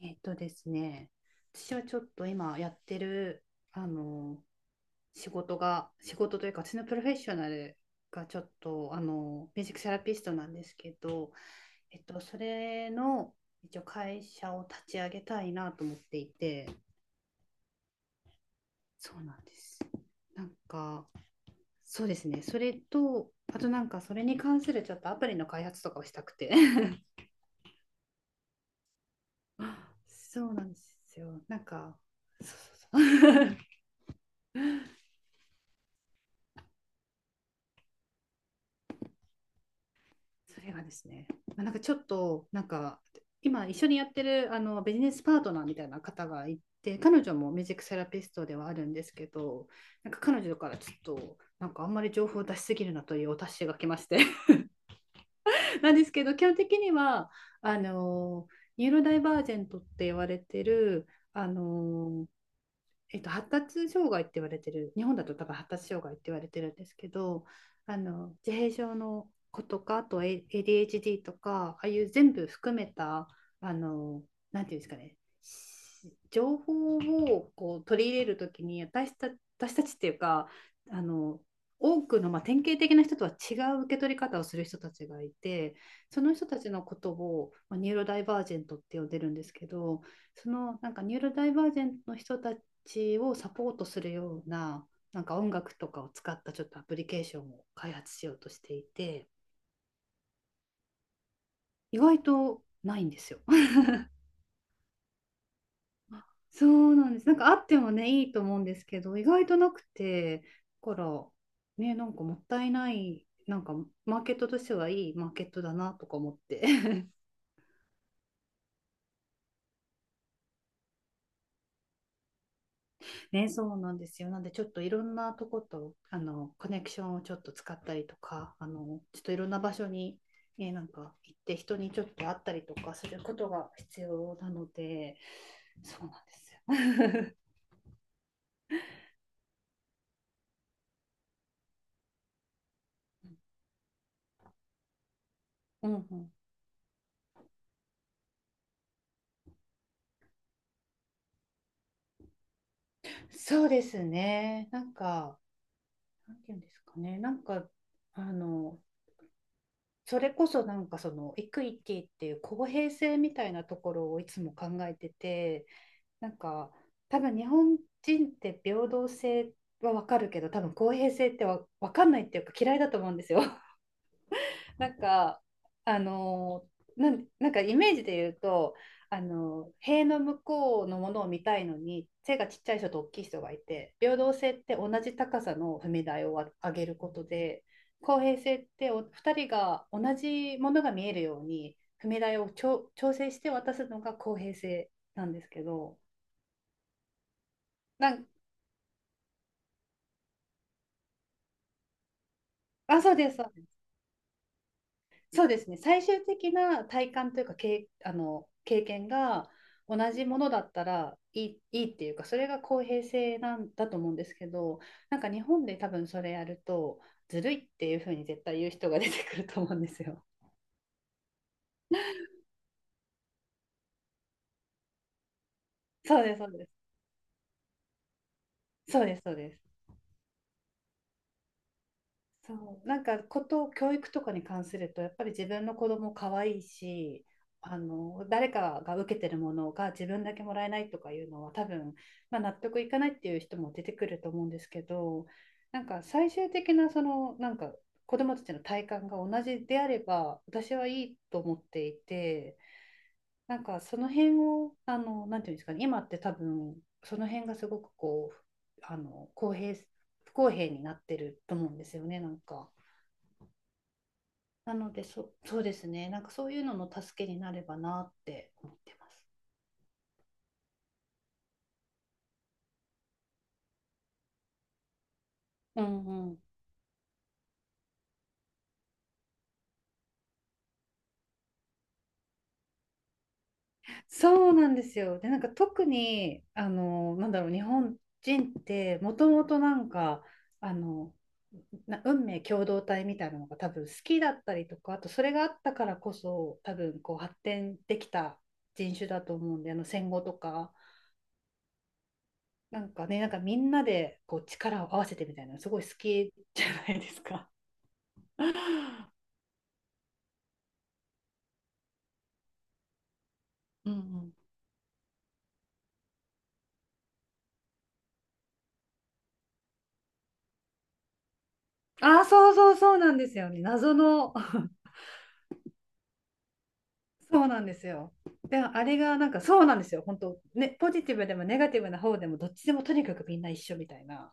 えっとですね、私はちょっと今やってる、あの、仕事というか、私のプロフェッショナルがちょっと、ミュージックセラピストなんですけど、それの、一応会社を立ち上げたいなと思っていて、そうなんです。なんか、そうですね、それと、あとなんか、それに関するちょっとアプリの開発とかをしたくて。そうなんですよ。なんか、そうそうそう。それがですね、まあ、なんかちょっとなんか今一緒にやってるビジネスパートナーみたいな方がいて、彼女もミュージックセラピストではあるんですけど、なんか彼女からちょっとなんかあんまり情報を出しすぎるなというお達しが来まして、 なんですけど基本的にはあのニューロダイバージェントって言われてる、あの発達障害って言われてる、日本だと多分発達障害って言われてるんですけど、自閉症の子とか、あと ADHD とか、ああいう全部含めた、あの、なんていうんですかね、情報をこう取り入れるときに私たちっていうか、あの、多くの、まあ、典型的な人とは違う受け取り方をする人たちがいて、その人たちのことを、まあ、ニューロダイバージェントって呼んでるんですけど、そのなんかニューロダイバージェントの人たちちをサポートするような、なんか音楽とかを使ったちょっとアプリケーションを開発しようとしていて、意外とないんですよ。そうなんです。なんかあってもね、いいと思うんですけど、意外となくて、だから、ね、なんかもったいない、なんかマーケットとしてはいいマーケットだなとか思って。 ね、そうなんですよ。なんで、ちょっといろんなとこと、コネクションをちょっと使ったりとか、ちょっといろんな場所に、なんか行って、人にちょっと会ったりとかすることが必要なので、そうなんですよ。うんうん、そうですね。なんか、なんていうんですかね。なんか、あの、それこそなんかそのイクイティっていう公平性みたいなところをいつも考えてて、なんか多分日本人って平等性はわかるけど、多分公平性ってかんないっていうか嫌いだと思うんですよ。なんかあのなんかイメージで言うと、塀の向こうのものを見たいのに背がちっちゃい人と大きい人がいて、平等性って同じ高さの踏み台を上げることで、公平性ってお二人が同じものが見えるように踏み台を調整して渡すのが公平性なんですけど、なんあ、そうです、そうです。そうですね。最終的な体感というか、経あの、経験が同じものだったら、いいっていうか、それが公平性なんだと思うんですけど、なんか日本で多分それやると、ずるいっていうふうに絶対言う人が出てくると思うんですよ。そうです、そうです。そうです、そうです。そう、なんかこと教育とかに関するとやっぱり自分の子供可愛いし、誰かが受けてるものが自分だけもらえないとかいうのは多分、まあ、納得いかないっていう人も出てくると思うんですけど、なんか最終的なそのなんか子供たちの体感が同じであれば私はいいと思っていて、なんかその辺をなんていうんですかね、今って多分その辺がすごくこう公平不公平になってると思うんですよね、なんか。なのでそうですね、なんかそういうのの助けになればなって思ってます。うんうん、そうなんですよ。で、なんか特に、なんだろう、日本人ってもともとなんか、あの、運命共同体みたいなのが多分好きだったりとか、あとそれがあったからこそ多分こう発展できた人種だと思うんで、戦後とか、なんかね、なんかみんなでこう力を合わせてみたいなのすごい好きじゃないですか。うんうん、ああ、そうそうそうなんですよね。謎の。 そうなんですよ。で、あれがなんかそうなんですよ。本当ね、ポジティブでもネガティブな方でもどっちでもとにかくみんな一緒みたいな。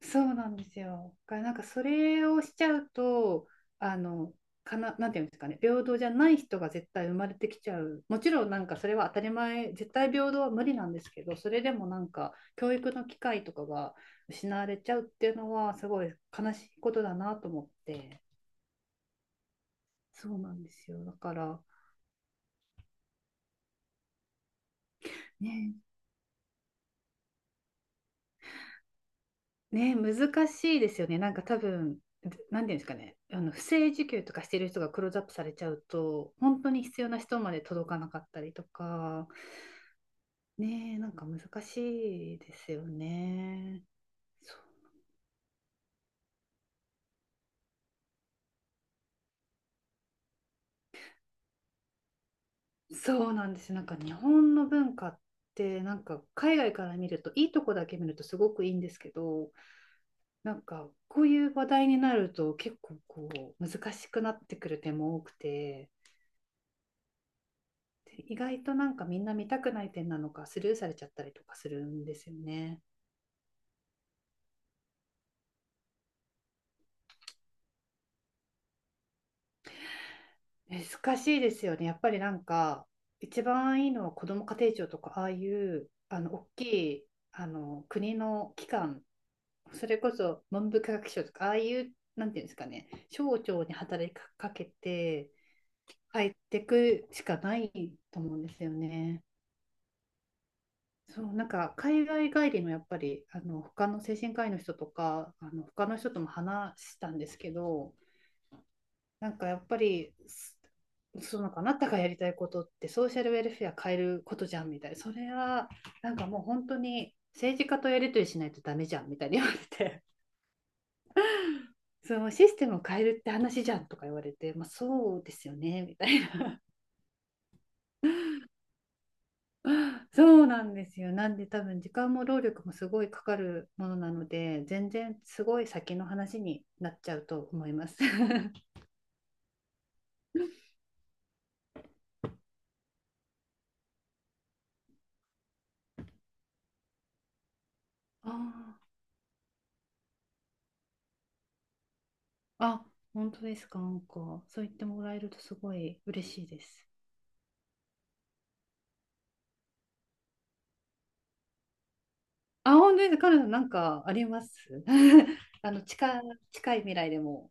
そうなんですよ。だからなんかそれをしちゃうと、あの、なんていうんですかね、平等じゃない人が絶対生まれてきちゃう。もちろんなんかそれは当たり前、絶対平等は無理なんですけど、それでもなんか教育の機会とかが失われちゃうっていうのはすごい悲しいことだなと思って。そうなんですよ。だからね、ね、難しいですよね。なんか多分、なんていうんですかね、不正受給とかしてる人がクローズアップされちゃうと、本当に必要な人まで届かなかったりとか、ね、なんか難しいですよね。そうそう、なんですよ。なんか日本の文化ってなんか海外から見るといいとこだけ見るとすごくいいんですけど、なんかこういう話題になると結構こう難しくなってくる点も多くて、意外となんかみんな見たくない点なのかスルーされちゃったりとかするんですよね。難しいですよね。やっぱりなんか一番いいのは、子ども家庭庁とかああいう大きい国の機関、それこそ文部科学省とかああいう、なんていうんですかね、省庁に働きかけて入ってくしかないと思うんですよね。そう、なんか海外帰りのやっぱり他の精神科医の人とか他の人とも話したんですけど、なんかやっぱりすそのかあなたがやりたいことってソーシャルウェルフェア変えることじゃんみたいな、それはなんかもう本当に政治家とやり取りしないとダメじゃんみたいに言われて。 そのシステムを変えるって話じゃんとか言われて、まあ、そうですよねみたいな。 そうなんですよ。なんで多分時間も労力もすごいかかるものなので、全然すごい先の話になっちゃうと思います。ああ、あ、本当ですか。なんか、そう言ってもらえるとすごい嬉しいです。あ、本当です。カナダなんかあります。 あの、近い、近い未来でも。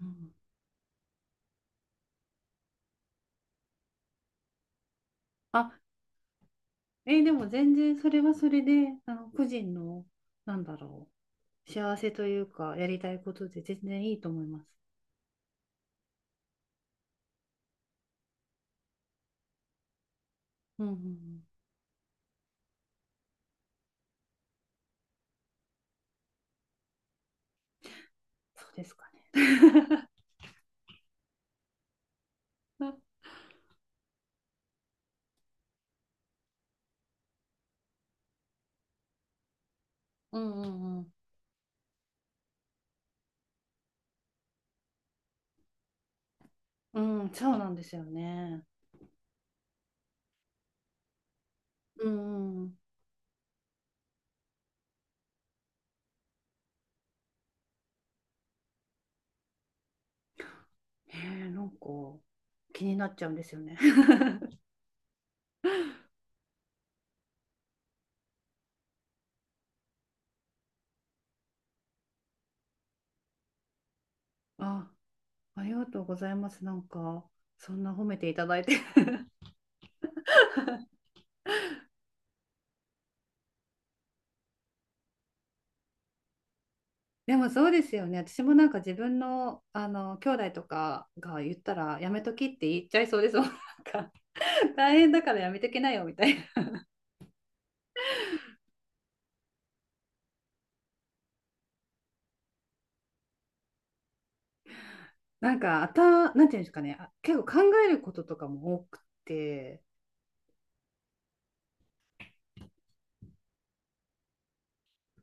うん、あ、でも全然それはそれで、個人の、なんだろう、幸せというか、やりたいことで全然いいと思います。うんうんうん、そうですかね。うんうんうん。うん、そうなんですよね。うんうん。ねえ、なんか気になっちゃうんですよね。あ、ありがとうございます。なんかそんな褒めていただいて。でもそうですよね。私もなんか自分の兄弟とかが言ったらやめときって言っちゃいそうですもん。なんか、 大変だからやめときなよみたいな。なんかなんていうんですかね。結構考えることとかも多くて。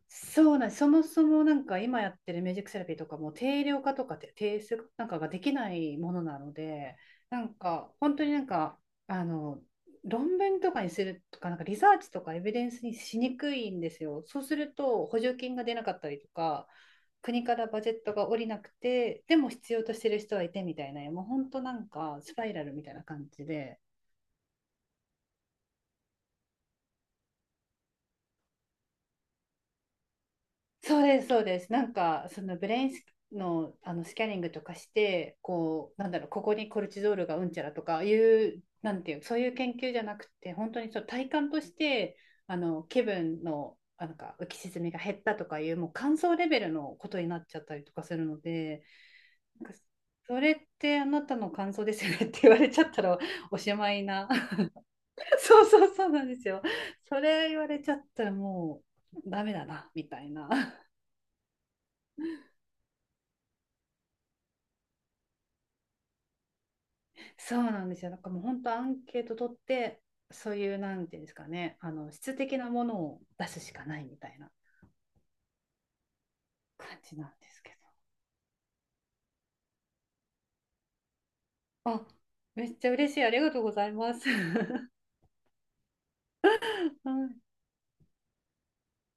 そうなんです、そもそもなんか今やってるミュージックセラピーとかも定量化とかて定数なんかができないものなので、なんか本当になんかあの論文とかにするとか、なんかリサーチとかエビデンスにしにくいんですよ。そうすると補助金が出なかったりとか、国からバジェットが下りなくて、でも必要としてる人はいてみたいな、もう本当なんかスパイラルみたいな感じで。そうです、そうです。なんか、そのブレインスの、スキャニングとかして、こう、なんだろう、ここにコルチゾールがうんちゃらとかいう、なんていう、そういう研究じゃなくて、本当にそう体感として、気分の、なんか浮き沈みが減ったとかいう、もう感想レベルのことになっちゃったりとかするので、なんか、それってあなたの感想ですよねって言われちゃったらおしまいな。そうそうそう、なんですよ。それ言われちゃったらもうダメだな、みたいな。そうなんですよ。なんかもう本当アンケート取って、そういう、なんていうんですかね、質的なものを出すしかないみたいな感じなんですけど。あ、めっちゃ嬉しい。ありがとうございます。あ